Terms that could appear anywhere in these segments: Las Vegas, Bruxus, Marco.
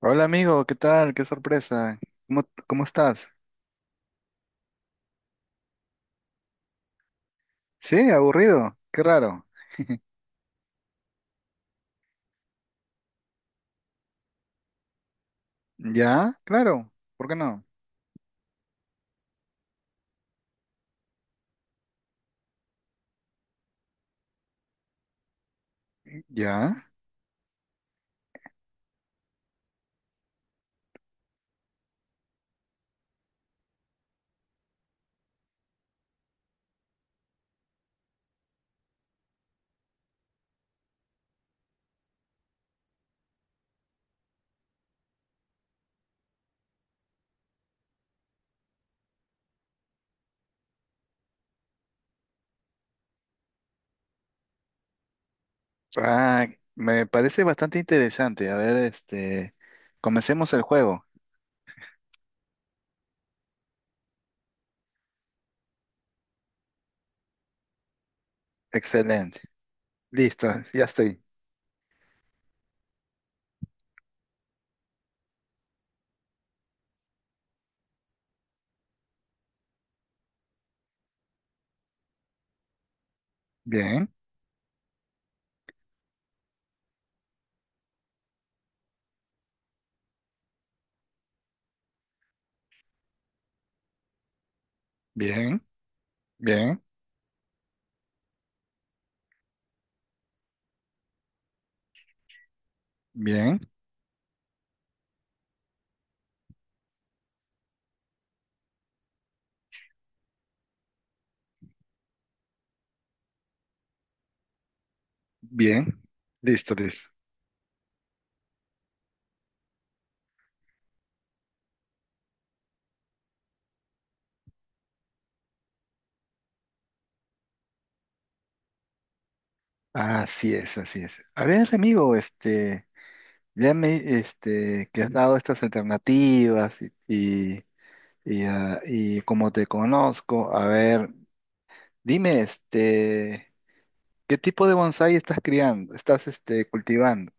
Hola amigo, ¿qué tal? Qué sorpresa. ¿Cómo estás? Sí, aburrido. Qué raro. ¿Ya? Claro. ¿Por qué no? ¿Ya? Ah, Me parece bastante interesante. A ver, comencemos el juego. Excelente. Listo, ya estoy. Bien, bien, bien, bien, bien. Listo, listo. Así es, así es. A ver, amigo, que has dado estas alternativas y como te conozco, a ver, dime, ¿qué tipo de bonsái estás criando? ¿Estás, este, cultivando?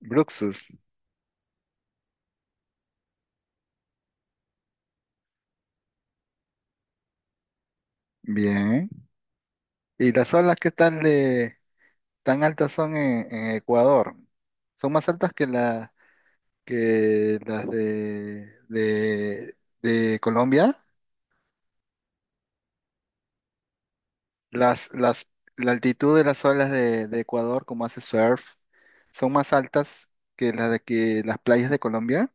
Bruxus. Bien. ¿Y las olas qué tal de tan altas son en Ecuador? Son más altas que la que las de, de Colombia. Las, las, la altitud de las olas de Ecuador, como hace surf, son más altas que las playas de Colombia.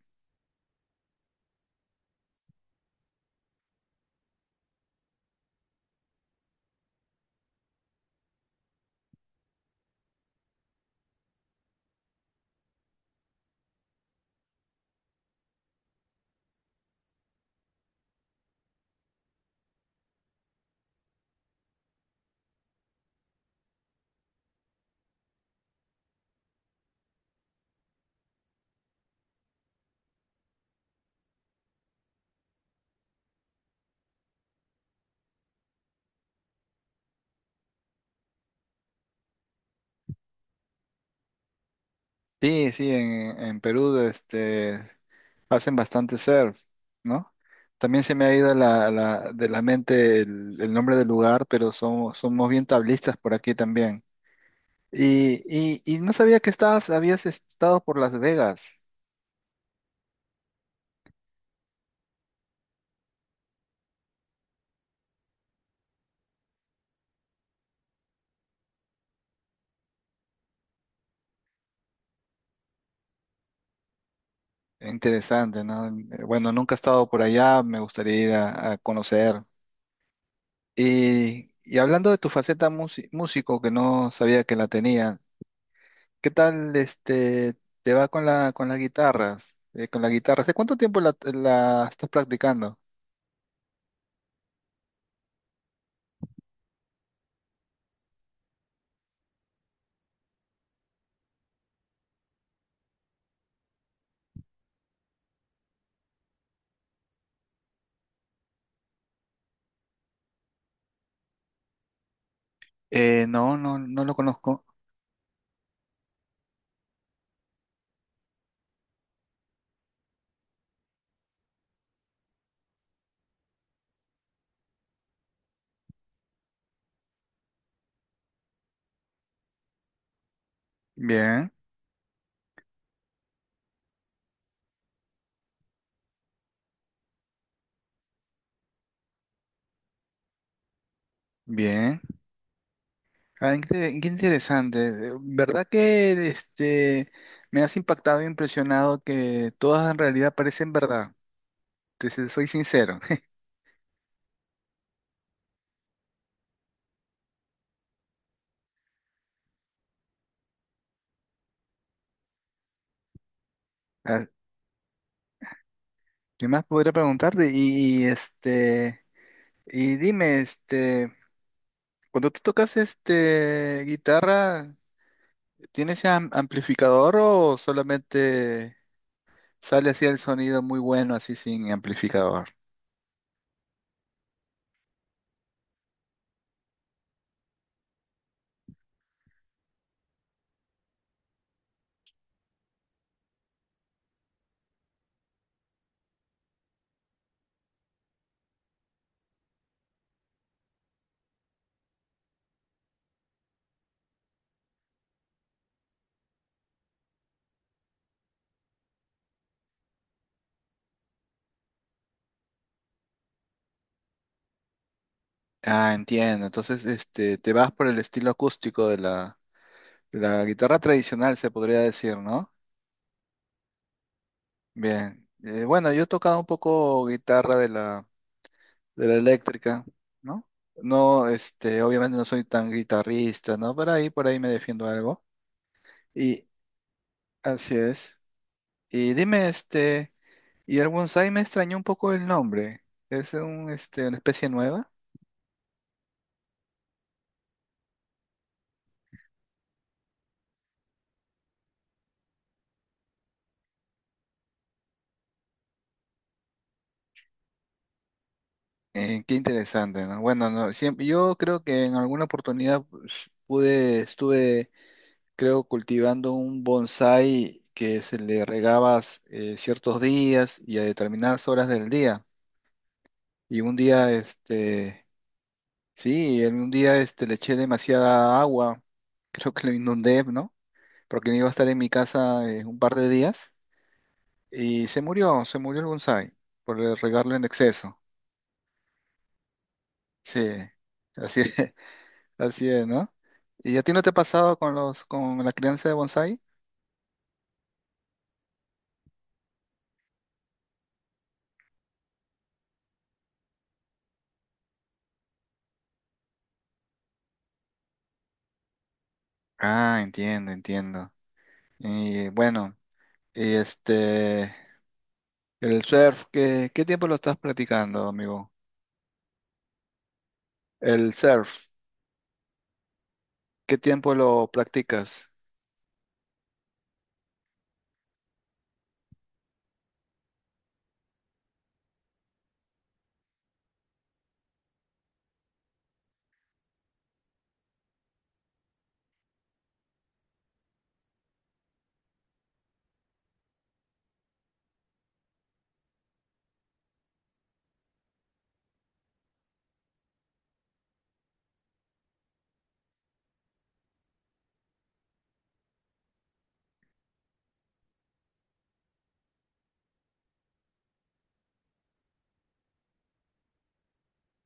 Sí, sí, en Perú hacen bastante surf, ¿no? También se me ha ido de la mente el nombre del lugar, pero somos, somos bien tablistas por aquí también. Y no sabía que estabas, habías estado por Las Vegas. Interesante, ¿no? Bueno, nunca he estado por allá, me gustaría ir a conocer. Y hablando de tu músico, que no sabía que la tenías. ¿Qué tal te va con la con las guitarras? Con la guitarra. ¿Hace cuánto tiempo la estás practicando? No, no lo conozco. Bien, bien. Qué, qué interesante. ¿Verdad que me has impactado e impresionado que todas en realidad parecen verdad? Soy sincero. Ah, ¿Qué más podría preguntarte? Y dime, cuando tú tocas guitarra. ¿Tiene ese amplificador o solamente sale así el sonido muy bueno, así sin amplificador? Entiendo. Entonces, te vas por el estilo acústico de la guitarra tradicional, se podría decir, ¿no? Bien. Bueno, yo he tocado un poco guitarra de la eléctrica, ¿no? No, obviamente no soy tan guitarrista, ¿no? Pero ahí, por ahí me defiendo algo. Y así es. Y dime, este. Y el bonsái me extrañó un poco el nombre. Es un, una especie nueva. Qué interesante, ¿no? Bueno, no, siempre, yo creo que en alguna oportunidad pues, pude, estuve, creo, cultivando un bonsái que se le regabas ciertos días y a determinadas horas del día. Y un día, sí, en un día le eché demasiada agua, creo que lo inundé, ¿no? Porque no iba a estar en mi casa un par de días. Y se murió el bonsái por regarlo en exceso. Sí, así es, así es, ¿no? ¿Y a ti no te ha pasado con los, con la crianza de bonsái? Ah, entiendo, entiendo. Y bueno, y el surf, ¿qué, qué tiempo lo estás practicando, amigo? El surf, ¿qué tiempo lo practicas?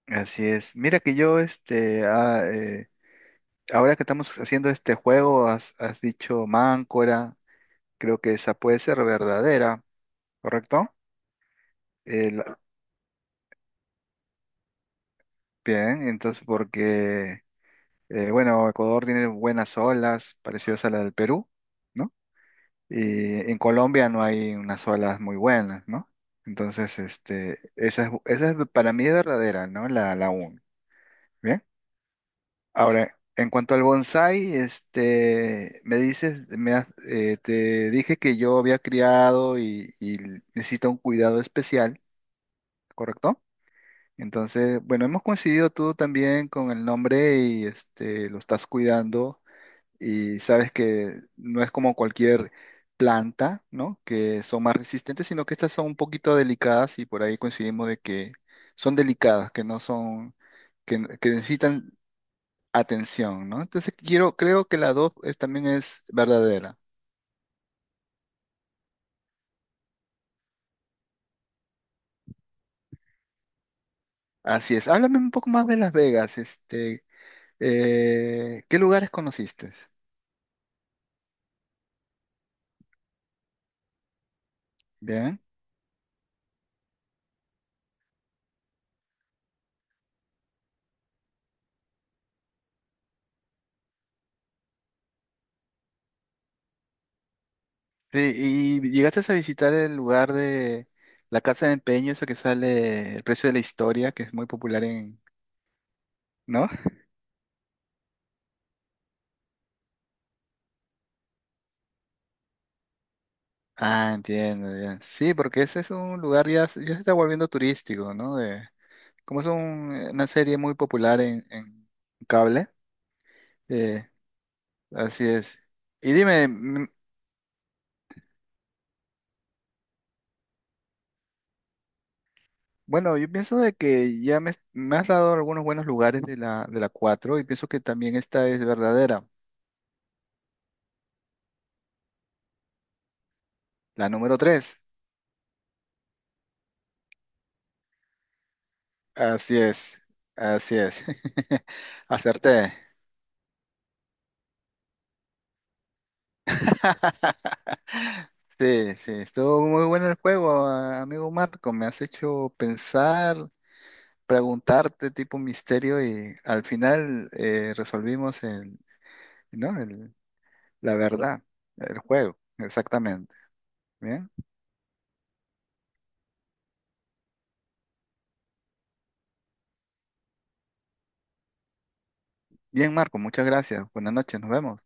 Así es. Mira que yo, ahora que estamos haciendo este juego, has, has dicho máncora, creo que esa puede ser verdadera. ¿Correcto? El- Bien, entonces porque, bueno, Ecuador tiene buenas olas parecidas a la del Perú, ¿no? Y en Colombia no hay unas olas muy buenas, ¿no? Entonces, esa es para mí es verdadera, ¿no? La, la UN, ¿bien? Ahora, en cuanto al bonsai, me dices, te dije que yo había criado y necesita un cuidado especial, ¿correcto? Entonces, bueno, hemos coincidido tú también con el nombre y lo estás cuidando y sabes que no es como cualquier planta, ¿no? Que son más resistentes, sino que estas son un poquito delicadas y por ahí coincidimos de que son delicadas, que no son, que necesitan atención, ¿no? Entonces, quiero, creo que la dos también es verdadera. Así es. Háblame un poco más de Las Vegas, ¿qué lugares conociste? Sí, ¿y llegaste a visitar el lugar de la casa de empeño, eso que sale El precio de la historia, que es muy popular en... ¿No? Ah, entiendo, ya. Sí, porque ese es un lugar ya, ya se está volviendo turístico, ¿no? De, como es una serie muy popular en cable, eh, así es. Y dime, bueno, yo pienso de que me has dado algunos buenos lugares de la 4 y pienso que también esta es verdadera, la número 3. Así es, así es. Acerté. Sí, sí, estuvo muy bueno el juego, amigo Marco. Me has hecho pensar, preguntarte tipo misterio y al final resolvimos el, ¿no? El, la verdad, el juego, exactamente. Bien, Marco, muchas gracias. Buenas noches, nos vemos.